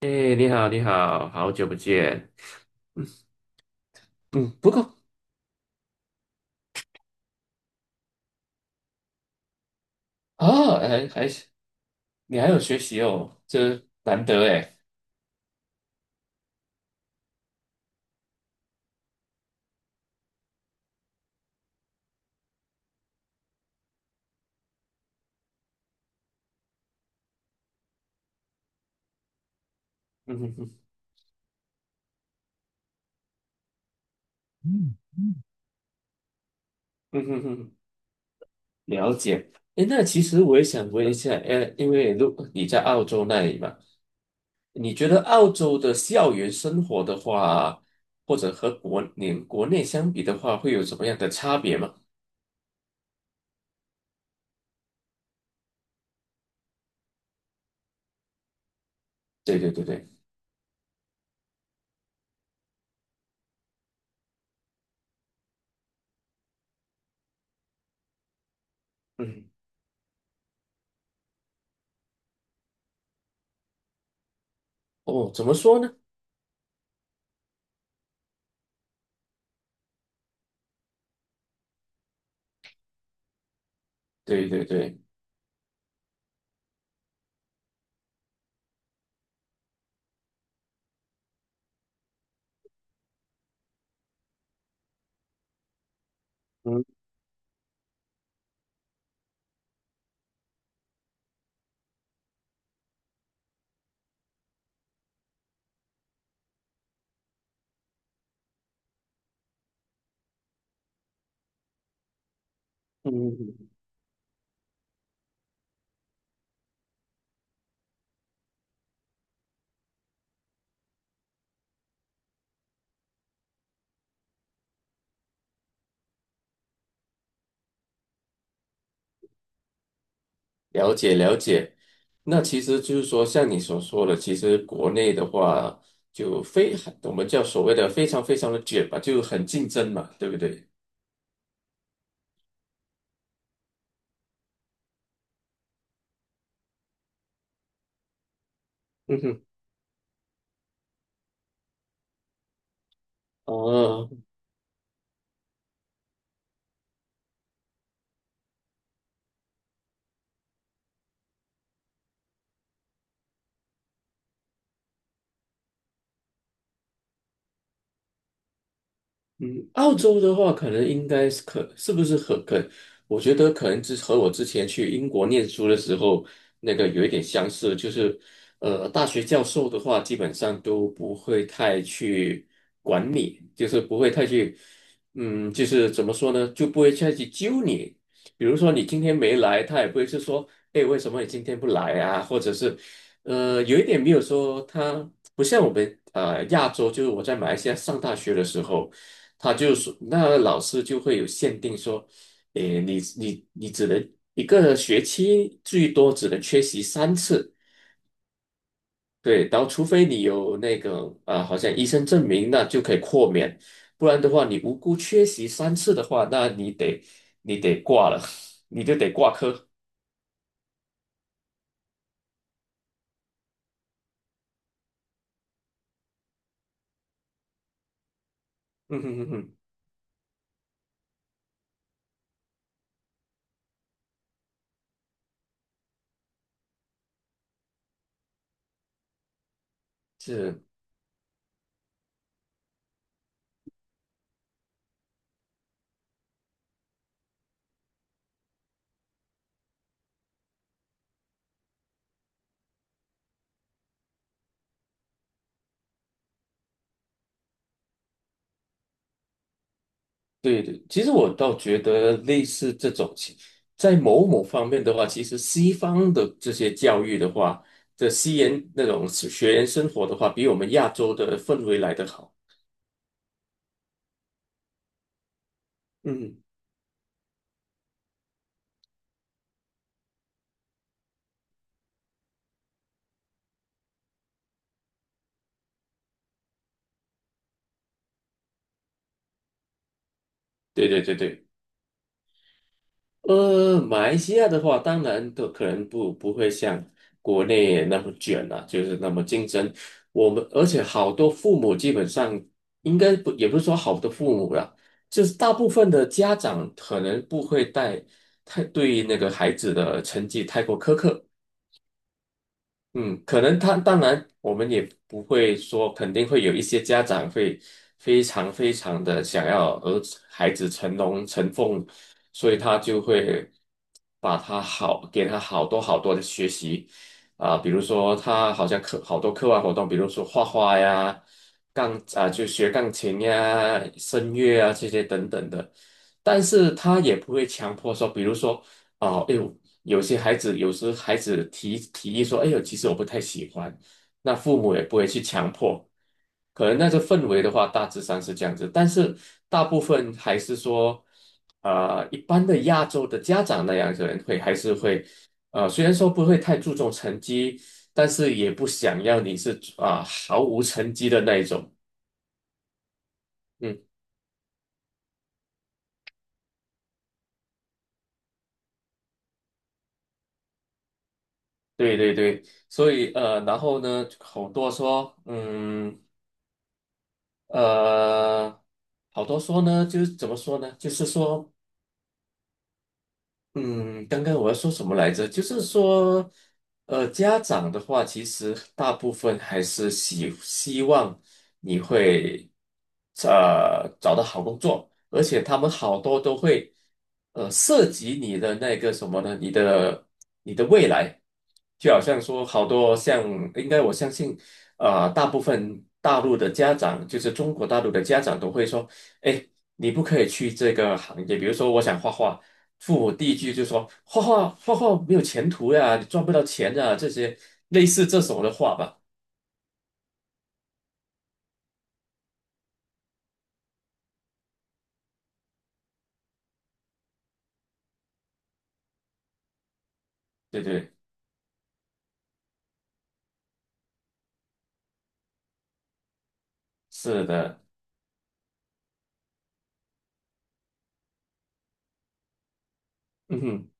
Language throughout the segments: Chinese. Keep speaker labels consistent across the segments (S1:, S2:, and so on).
S1: 哎，你好，你好，好久不见。嗯，不过啊，还你还有学习哦，这难得哎。嗯哼哼。嗯哼哼。了解。哎，那其实我也想问一下，因为如你在澳洲那里嘛，你觉得澳洲的校园生活的话，或者和国你国内相比的话，会有什么样的差别吗？对对对对。嗯。哦，怎么说呢？对对对。嗯嗯。了解了解，那其实就是说，像你所说的，其实国内的话就非我们叫所谓的非常非常的卷吧，就很竞争嘛，对不对？嗯哼。哦。嗯，澳洲的话，可能应该是可是不是和可，我觉得可能之和我之前去英国念书的时候那个有一点相似，就是大学教授的话，基本上都不会太去管你，就是不会太去，嗯，就是怎么说呢，就不会太去揪你。比如说你今天没来，他也不会是说，哎，为什么你今天不来啊？或者是，有一点没有说他不像我们亚洲，就是我在马来西亚上大学的时候。他就说，那老师就会有限定说，诶，你只能一个学期最多只能缺席三次，对，然后除非你有那个啊，好像医生证明，那就可以豁免，不然的话，你无辜缺席三次的话，那你得挂了，你就得挂科。嗯哼哼哼。是。对对，其实我倒觉得类似这种情，在某某方面的话，其实西方的这些教育的话，这西研那种学员生活的话，比我们亚洲的氛围来得好。嗯。对对对对。马来西亚的话，当然都可能不会像国内那么卷了、就是那么竞争。我们而且好多父母基本上应该不，也不是说好多父母啦，就是大部分的家长可能不会带太对那个孩子的成绩太过苛刻。嗯，可能他当然，我们也不会说，肯定会有一些家长会非常非常的想要儿子孩子成龙成凤，所以他就会把他好给他好多好多的学习啊、比如说他好像课好多课外活动，比如说画画呀、钢啊、就学钢琴呀、声乐啊这些等等的，但是他也不会强迫说，比如说。哦，哎，有些孩子，有时孩子提议说：“哎呦，其实我不太喜欢。”那父母也不会去强迫，可能那个氛围的话，大致上是这样子。但是大部分还是说，一般的亚洲的家长那样子人会还是会，虽然说不会太注重成绩，但是也不想要你是啊、毫无成绩的那一种。嗯。对对对，所以然后呢，好多说，嗯。呃，好多说呢，就是怎么说呢？就是说，嗯，刚刚我要说什么来着？就是说，家长的话，其实大部分还是希望你会，找到好工作，而且他们好多都会，涉及你的那个什么呢？你的未来，就好像说，好多像，应该我相信，大部分大陆的家长，就是中国大陆的家长都会说，哎。你不可以去这个行业，比如说我想画画，父母第一句就说画画没有前途呀，你赚不到钱啊。”这些类似这种的话吧。对对，是的，嗯哼，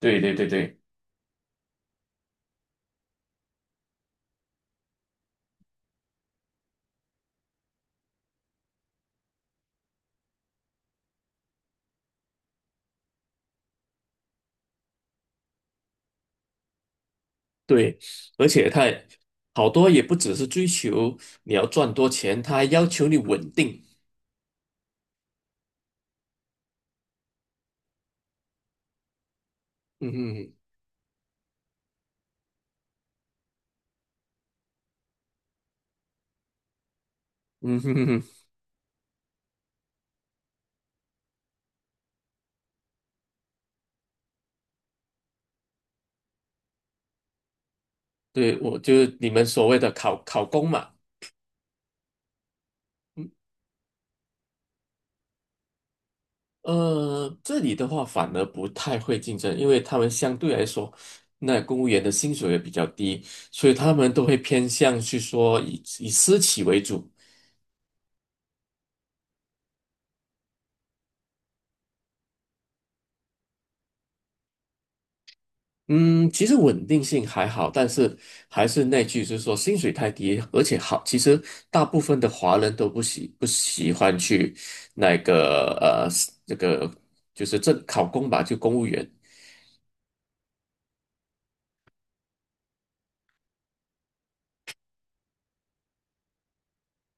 S1: 对对对对对，而且他也好多也不只是追求你要赚多钱，他还要求你稳定。嗯哼。嗯哼哼哼。对，我就你们所谓的考公嘛。这里的话反而不太会竞争，因为他们相对来说，那公务员的薪水也比较低，所以他们都会偏向去说以私企为主。嗯，其实稳定性还好，但是还是那句，就是说薪水太低，而且好，其实大部分的华人都不喜欢去那个这个就是正考公吧，就公务员。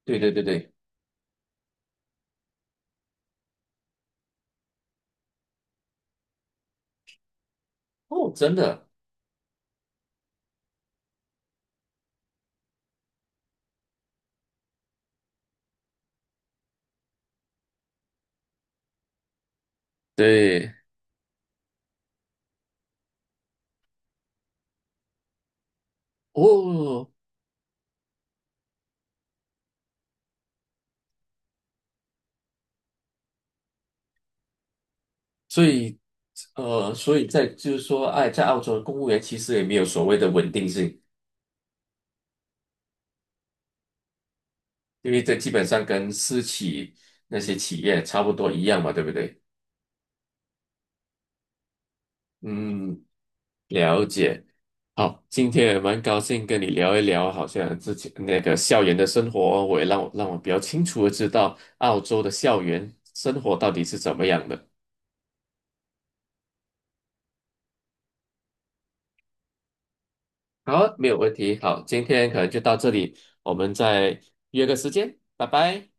S1: 对对对对，哦，真的，对。哦，所以，所以在就是说，哎，在澳洲的公务员其实也没有所谓的稳定性，因为这基本上跟私企那些企业差不多一样嘛，对不对？嗯，了解。好，今天也蛮高兴跟你聊一聊，好像之前那个校园的生活，我也让我比较清楚的知道澳洲的校园生活到底是怎么样的。好，没有问题。好，今天可能就到这里，我们再约个时间，拜拜。